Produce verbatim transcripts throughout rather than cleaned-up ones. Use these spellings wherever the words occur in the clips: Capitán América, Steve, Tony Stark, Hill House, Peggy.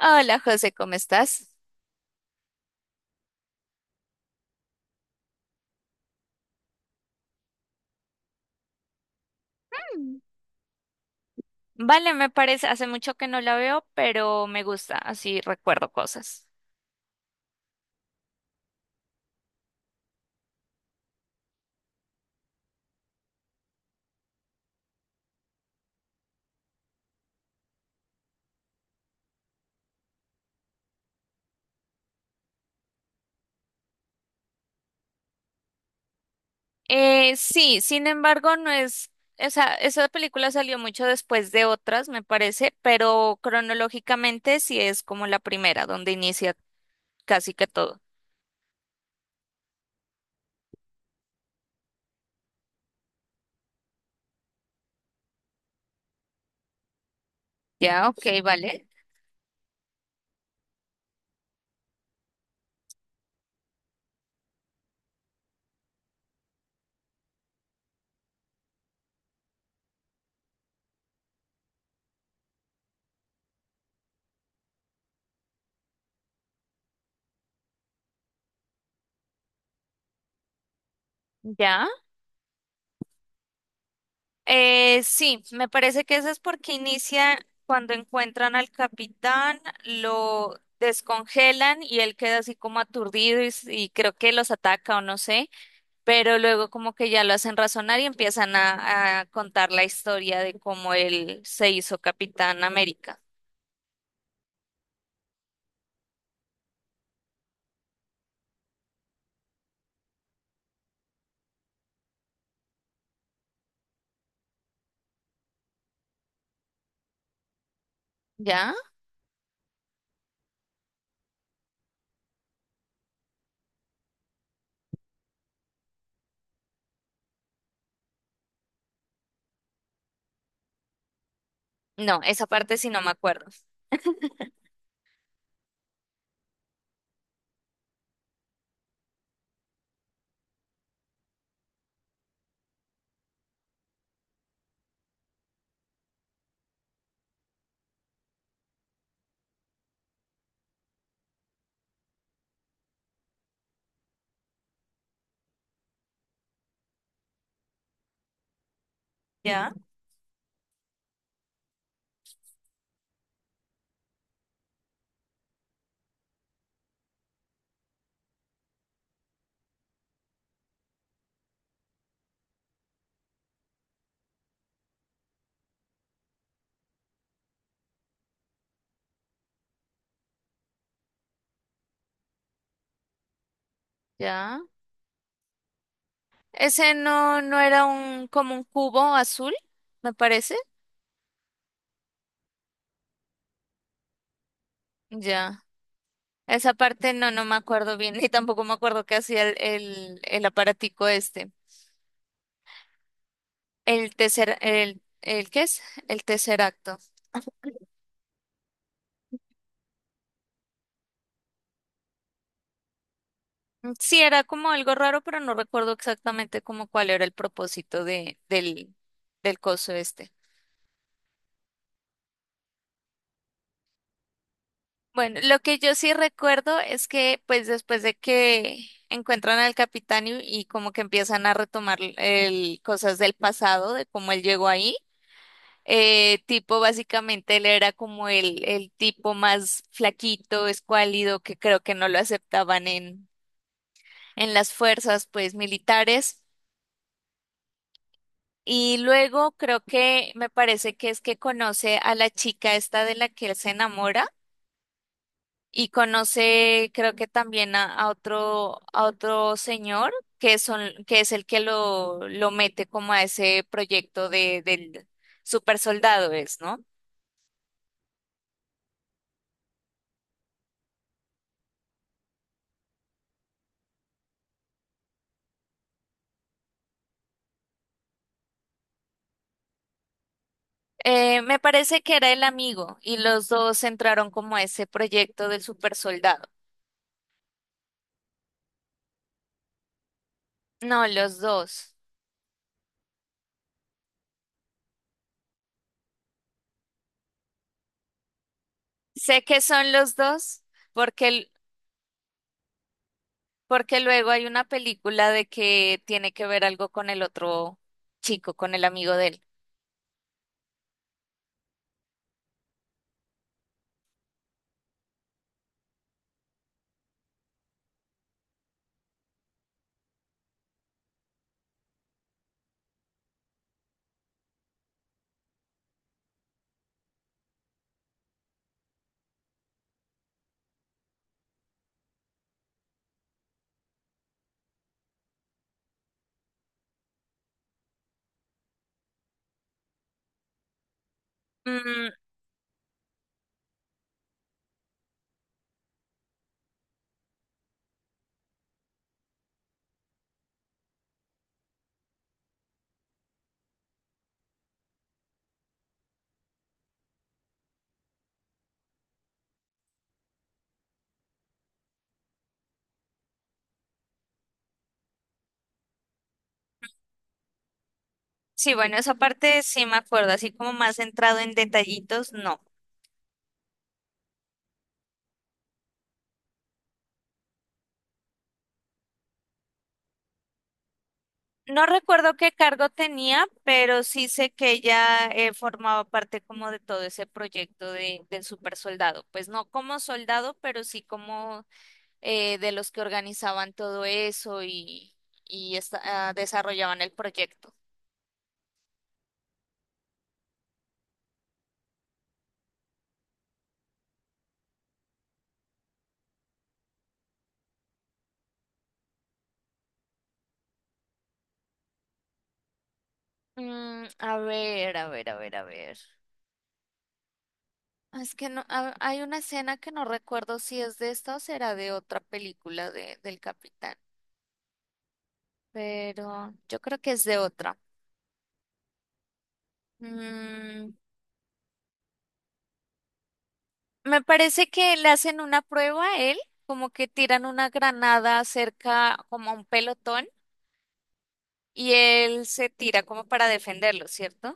Hola José, ¿cómo estás? Mm, vale, me parece, hace mucho que no la veo, pero me gusta, así recuerdo cosas. Eh, sí, sin embargo, no es, o sea, esa película salió mucho después de otras, me parece, pero cronológicamente sí es como la primera, donde inicia casi que todo. Ya, ok, vale. ¿Ya? Eh, sí, me parece que eso es porque inicia cuando encuentran al capitán, lo descongelan y él queda así como aturdido y, s- y creo que los ataca o no sé, pero luego como que ya lo hacen razonar y empiezan a, a contar la historia de cómo él se hizo Capitán América. ¿Ya? No, esa parte sí no me acuerdo. ¿Ya? ¿Ya? Ese no, no era un como un cubo azul, me parece. Ya. Esa parte no, no me acuerdo bien, ni tampoco me acuerdo qué hacía el, el, el aparatico este. El tercer, el, el ¿qué es? El tercer acto. Mm, sí, era como algo raro, pero no recuerdo exactamente como cuál era el propósito de, del, del coso este. Bueno, lo que yo sí recuerdo es que pues después de que encuentran al capitán y, y como que empiezan a retomar el, cosas del pasado, de cómo él llegó ahí. Eh, tipo, básicamente él era como el, el tipo más flaquito, escuálido, que creo que no lo aceptaban en, en las fuerzas, pues, militares. Y luego creo que me parece que es que conoce a la chica esta de la que él se enamora y conoce, creo que también a, a otro, a otro señor que son, que es el que lo, lo mete como a ese proyecto de, del super soldado es, ¿no? Eh, me parece que era el amigo y los dos entraron como a ese proyecto del super soldado. No, los dos. Sé que son los dos porque, l- porque luego hay una película de que tiene que ver algo con el otro chico, con el amigo de él. Mm, sí, bueno, esa parte sí me acuerdo, así como más centrado en detallitos, no. No recuerdo qué cargo tenía, pero sí sé que ella eh, formaba parte como de todo ese proyecto de, del super soldado. Pues no como soldado, pero sí como eh, de los que organizaban todo eso y, y esta- ah, desarrollaban el proyecto. Mm, a ver, a ver, a ver, a ver. Es que no, a- hay una escena que no recuerdo si es de esta o será de otra película de, del Capitán, pero yo creo que es de otra. Mm, me parece que le hacen una prueba a él, como que tiran una granada cerca, como a un pelotón, y él se tira como para defenderlo, ¿cierto?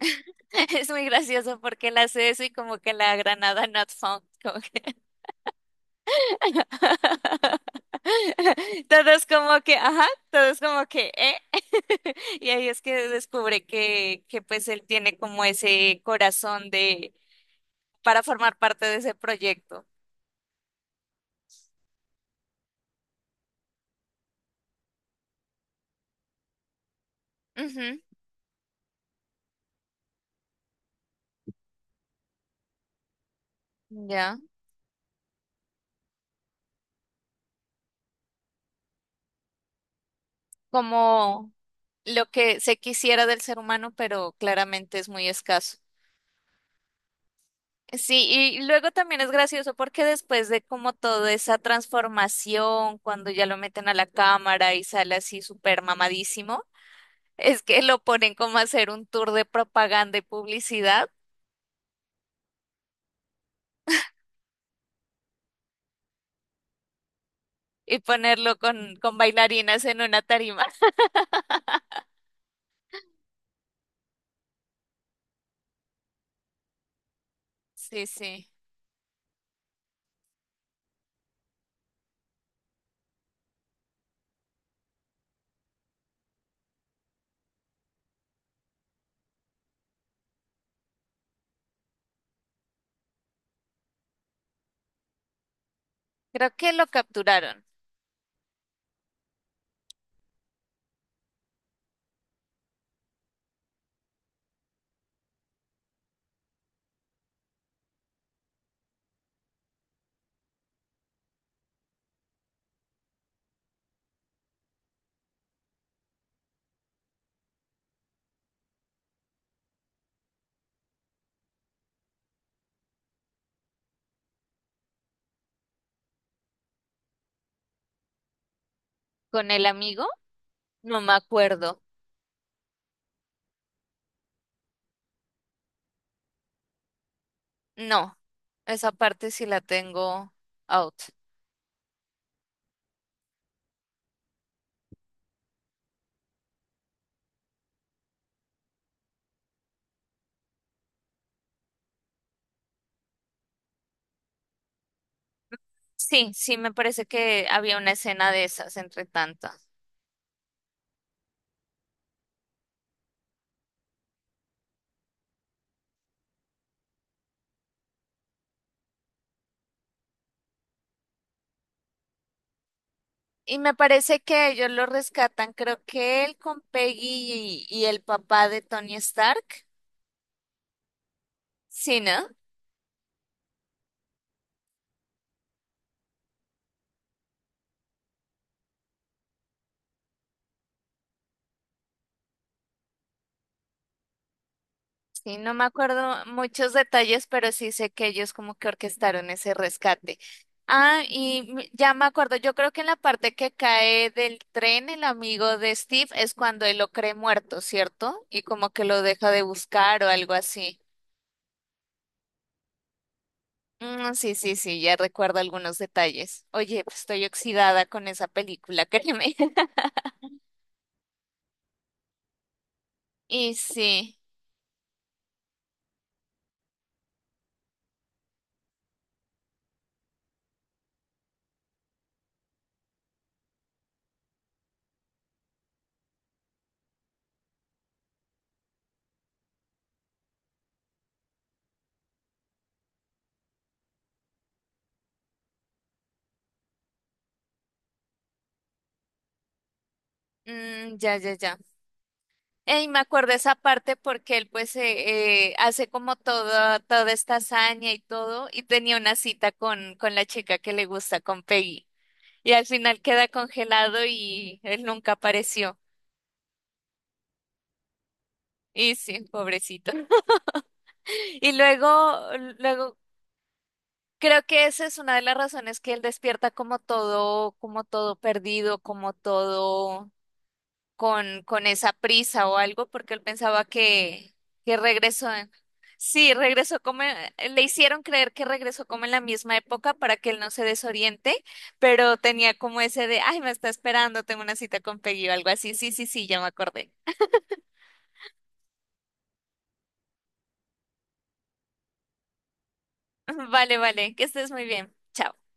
Es muy gracioso porque él hace eso y como que la granada not found, como que todos como que, ajá, todos como que, ¿eh? Y ahí es que descubre que, que pues él tiene como ese corazón de, para formar parte de ese proyecto. Ujú, ya. Como lo que se quisiera del ser humano, pero claramente es muy escaso. Sí, y luego también es gracioso porque después de como toda esa transformación, cuando ya lo meten a la cámara y sale así súper mamadísimo, es que lo ponen como a hacer un tour de propaganda y publicidad y ponerlo con, con bailarinas en una tarima. Sí, sí. Creo que lo capturaron con el amigo, no me acuerdo. No, esa parte sí la tengo out. Sí, sí, me parece que había una escena de esas entre tantas. Y me parece que ellos lo rescatan, creo que él con Peggy y, y el papá de Tony Stark. Sí, ¿no? Sí, no me acuerdo muchos detalles, pero sí sé que ellos como que orquestaron ese rescate. Ah, y m- ya me acuerdo, yo creo que en la parte que cae del tren el amigo de Steve es cuando él lo cree muerto, ¿cierto? Y como que lo deja de buscar o algo así. Mm, sí, sí, sí, ya recuerdo algunos detalles. Oye, pues estoy oxidada con esa película, créeme. Y sí, mm, ya, ya, ya. Y me acuerdo esa parte porque él pues eh, eh, hace como toda, toda esta hazaña y todo, y tenía una cita con, con la chica que le gusta, con Peggy. Y al final queda congelado y él nunca apareció. Y sí, pobrecito. Y luego, luego creo que esa es una de las razones que él despierta como todo, como todo perdido, como todo con, con esa prisa o algo, porque él pensaba que, que regresó. en- Sí, regresó como, en- le hicieron creer que regresó como en la misma época para que él no se desoriente, pero tenía como ese de, ay, me está esperando, tengo una cita con Peggy o algo así. Sí, sí, sí, ya me acordé. Vale, vale, que estés muy bien. Chao.